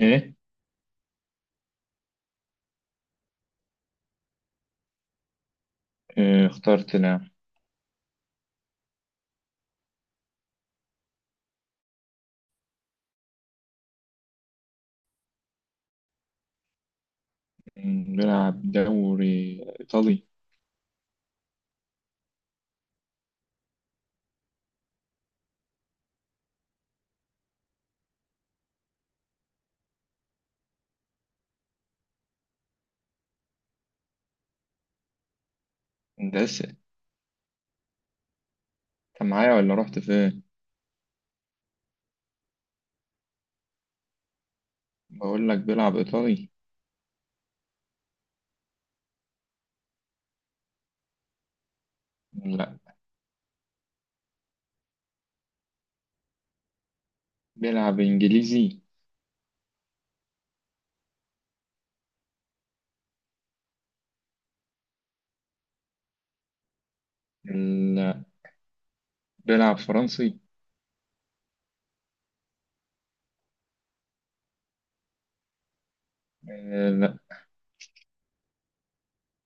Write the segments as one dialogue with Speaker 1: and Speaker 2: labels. Speaker 1: ايه. آه، اخترت نعم. بلعب دوري ايطالي. انت لسه. انت معايا ولا رحت فين؟ بقول لك بلعب ايطالي. لا، بلعب انجليزي. لا، بلعب فرنسي. آه، لا،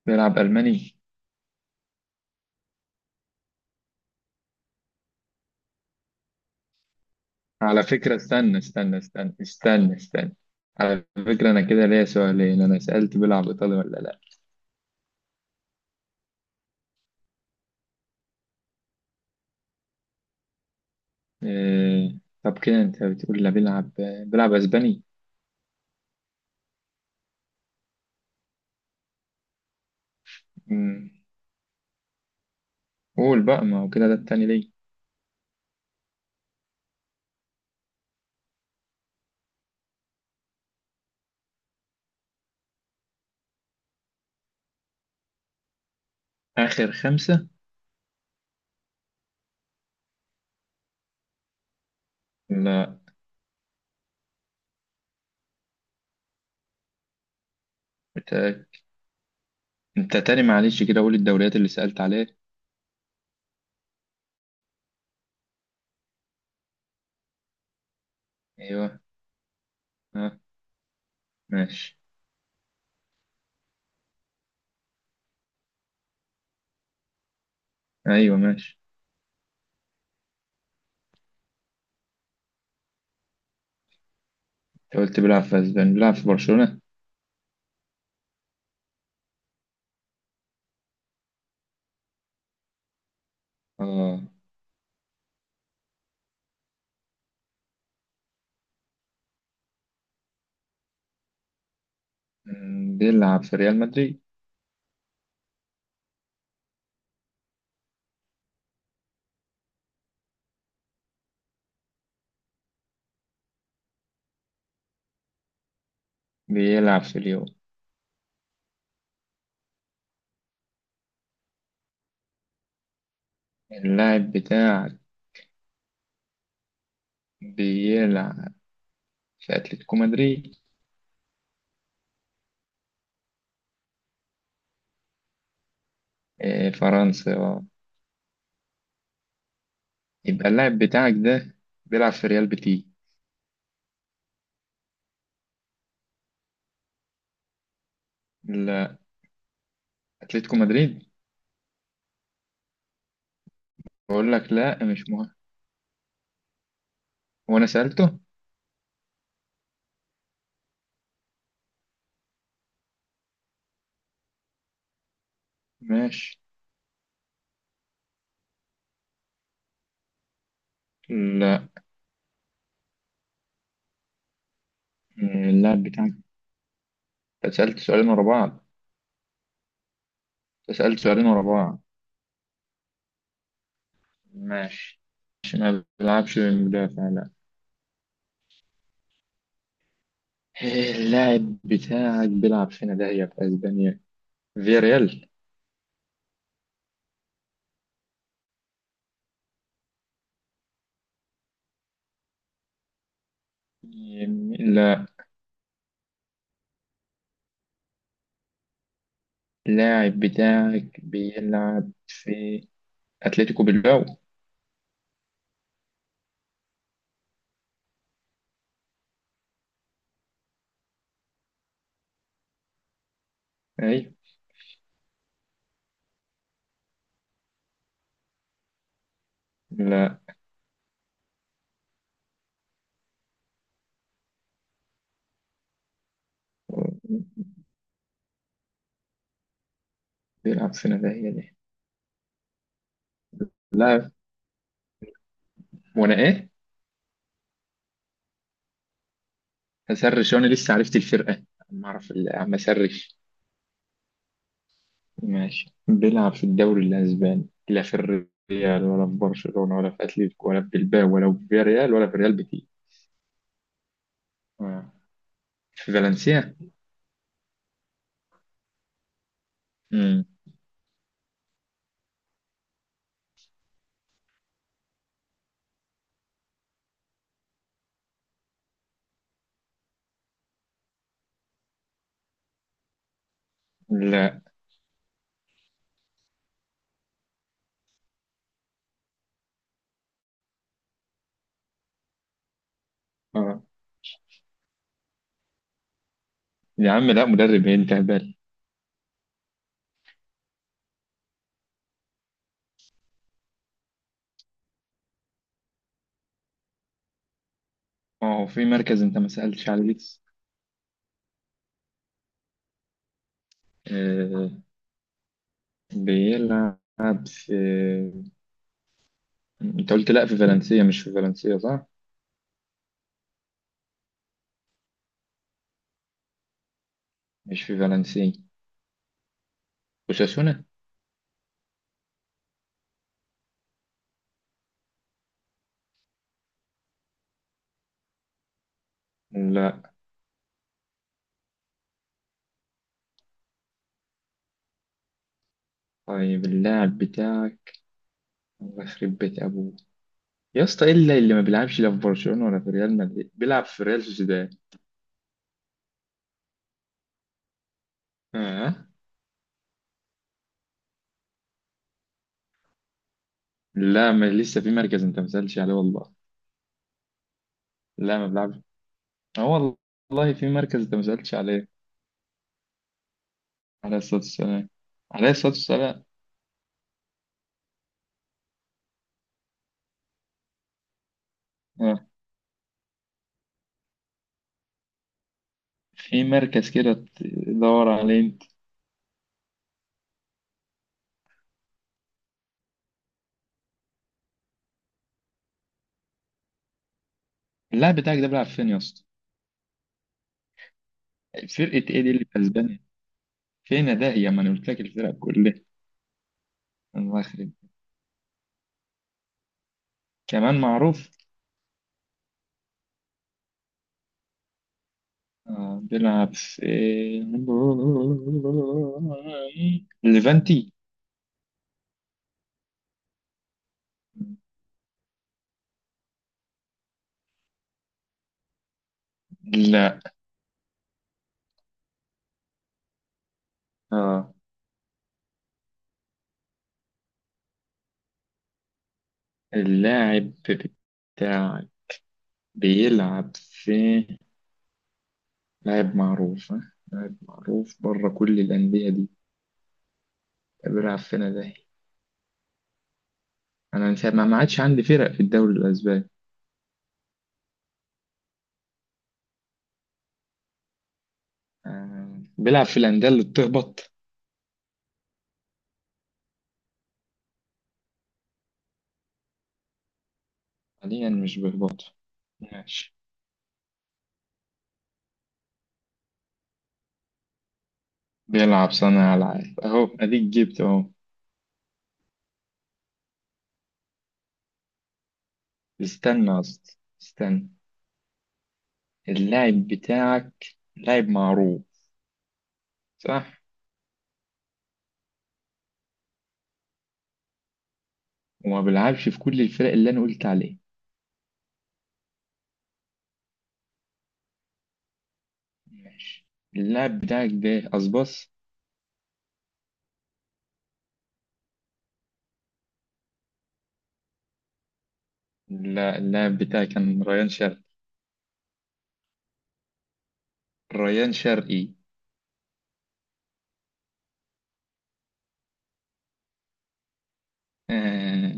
Speaker 1: بلعب الماني. على فكرة استنى استنى استنى استنى استنى. على فكرة، انا كده ليا سؤالين. انا سألت بلعب ايطالي ولا لا؟ آه. طب كده انت بتقول لا، بلعب اسباني. م، قول بقى، ما هو كده ده التاني ليه؟ اخر خمسة. لا، بتاعك. انت تاني معلش، كده قول الدوريات اللي سألت عليها. ايوه. ها، ماشي. ايوه، ماشي. انت قلت بيلعب في اسبانيا، بيلعب في برشلونة؟ اه. بيلعب في ريال مدريد. بيلعب في ليون. اللاعب بتاعك بيلعب في اتلتيكو مدريد. آه، فرنسا، اه. يبقى اللاعب بتاعك ده بيلعب في ريال بيتي. لا، اتلتيكو مدريد. بقول لك لا، مش مهم. هو انا سألته؟ ماشي. لا. آه، اللاعب بتاعك. أنت سألت سؤالين ورا بعض. سألت سؤالين ورا بعض. ماشي. مش، ما بيلعبش مدافع، لا. إيه اللاعب بتاعك بيلعب فين ده هي في اسبانيا؟ فياريال؟ لا. اللاعب بتاعك بيلعب في اتلتيكو بالباو. اي. لا. بيلعب فين ده هي دي؟ لا. وانا ايه؟ هسرش وانا لسه عرفت الفرقة؟ ما اعرف، عم اسرش. ماشي. بيلعب في الدوري الأسباني، لا في الريال ولا في برشلونة ولا في أتليتيكو ولا في بلباو ولا في فياريال ولا في ريال بيتيس. آه. في فالنسيا؟ مم. لا. آه. يا عم لا، مدرب إيه، انت هبال. ما هو في مركز انت ما سألتش عليه لسه. آه. بيلعب في، انت قلت لا في فالنسيا؟ مش في فالنسيا صح؟ مش في فالنسيا، أوساسونا. لا. طيب اللاعب بتاعك، الله يخرب بيت أبوه يا اسطى، ايه اللي ما بيلعبش لا في برشلونة ولا في ريال مدريد، بيلعب في ريال سوسيداد؟ اه. لا، ما لسه في مركز انت ما سألتش عليه والله. لا، ما بيلعبش. اه. والله في مركز انت ما سألتش عليه. عليه الصلاة والسلام. عليه الصلاة والسلام. اه. في مركز كده تدور عليه انت. اللاعب بتاعك ده بيلعب فين يا اسطى؟ فرقة ايه دي اللي في اسبانيا؟ فين ده هي؟ ما انا قلت لك الفرق كلها. الله يخرب. كمان معروف. آه، بيلعب في ليفانتي. لا، اه. اللاعب بتاعك بيلعب في، لاعب معروف ها؟ لاعب معروف بره كل الأندية دي، بيلعب فين ده؟ أنا من ساعة ما ما عادش عندي فرق في الدوري الأسباني. آه. بيلعب في الأندية اللي بتهبط. حاليا مش بيهبطوا؟ ماشي. بيلعب صانع ألعاب، أهو أديك جبت أهو. استنى أصلا، استنى. اللاعب بتاعك لاعب معروف، صح؟ وما بيلعبش في كل الفرق اللي أنا قلت عليها. ماشي. اللاعب بتاعك ده أصبص. لا، اللاعب بتاعي كان ريان شرقي. ريان شرقي. آه.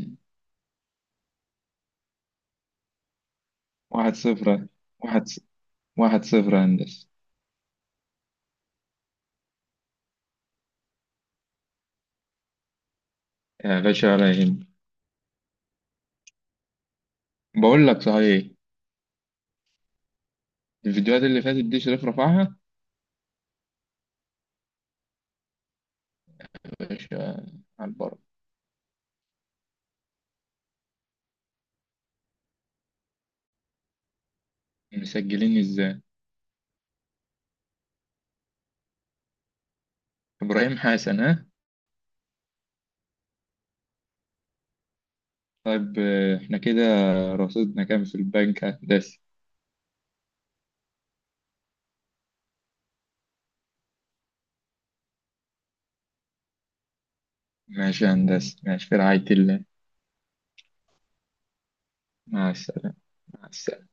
Speaker 1: 1-0. واحد ص- 1-0 يا هندسة. يا باشا ولا يهم. بقول لك صحيح، الفيديوهات اللي فاتت دي شريف رفعها. يا باشا، على البر. مسجلين ازاي؟ إبراهيم حسن، ها. طيب، احنا كده رصيدنا كام في البنك يا هندسة؟ ماشي يا هندسة، ماشي في رعاية الله. مع السلامة. مع السلامة.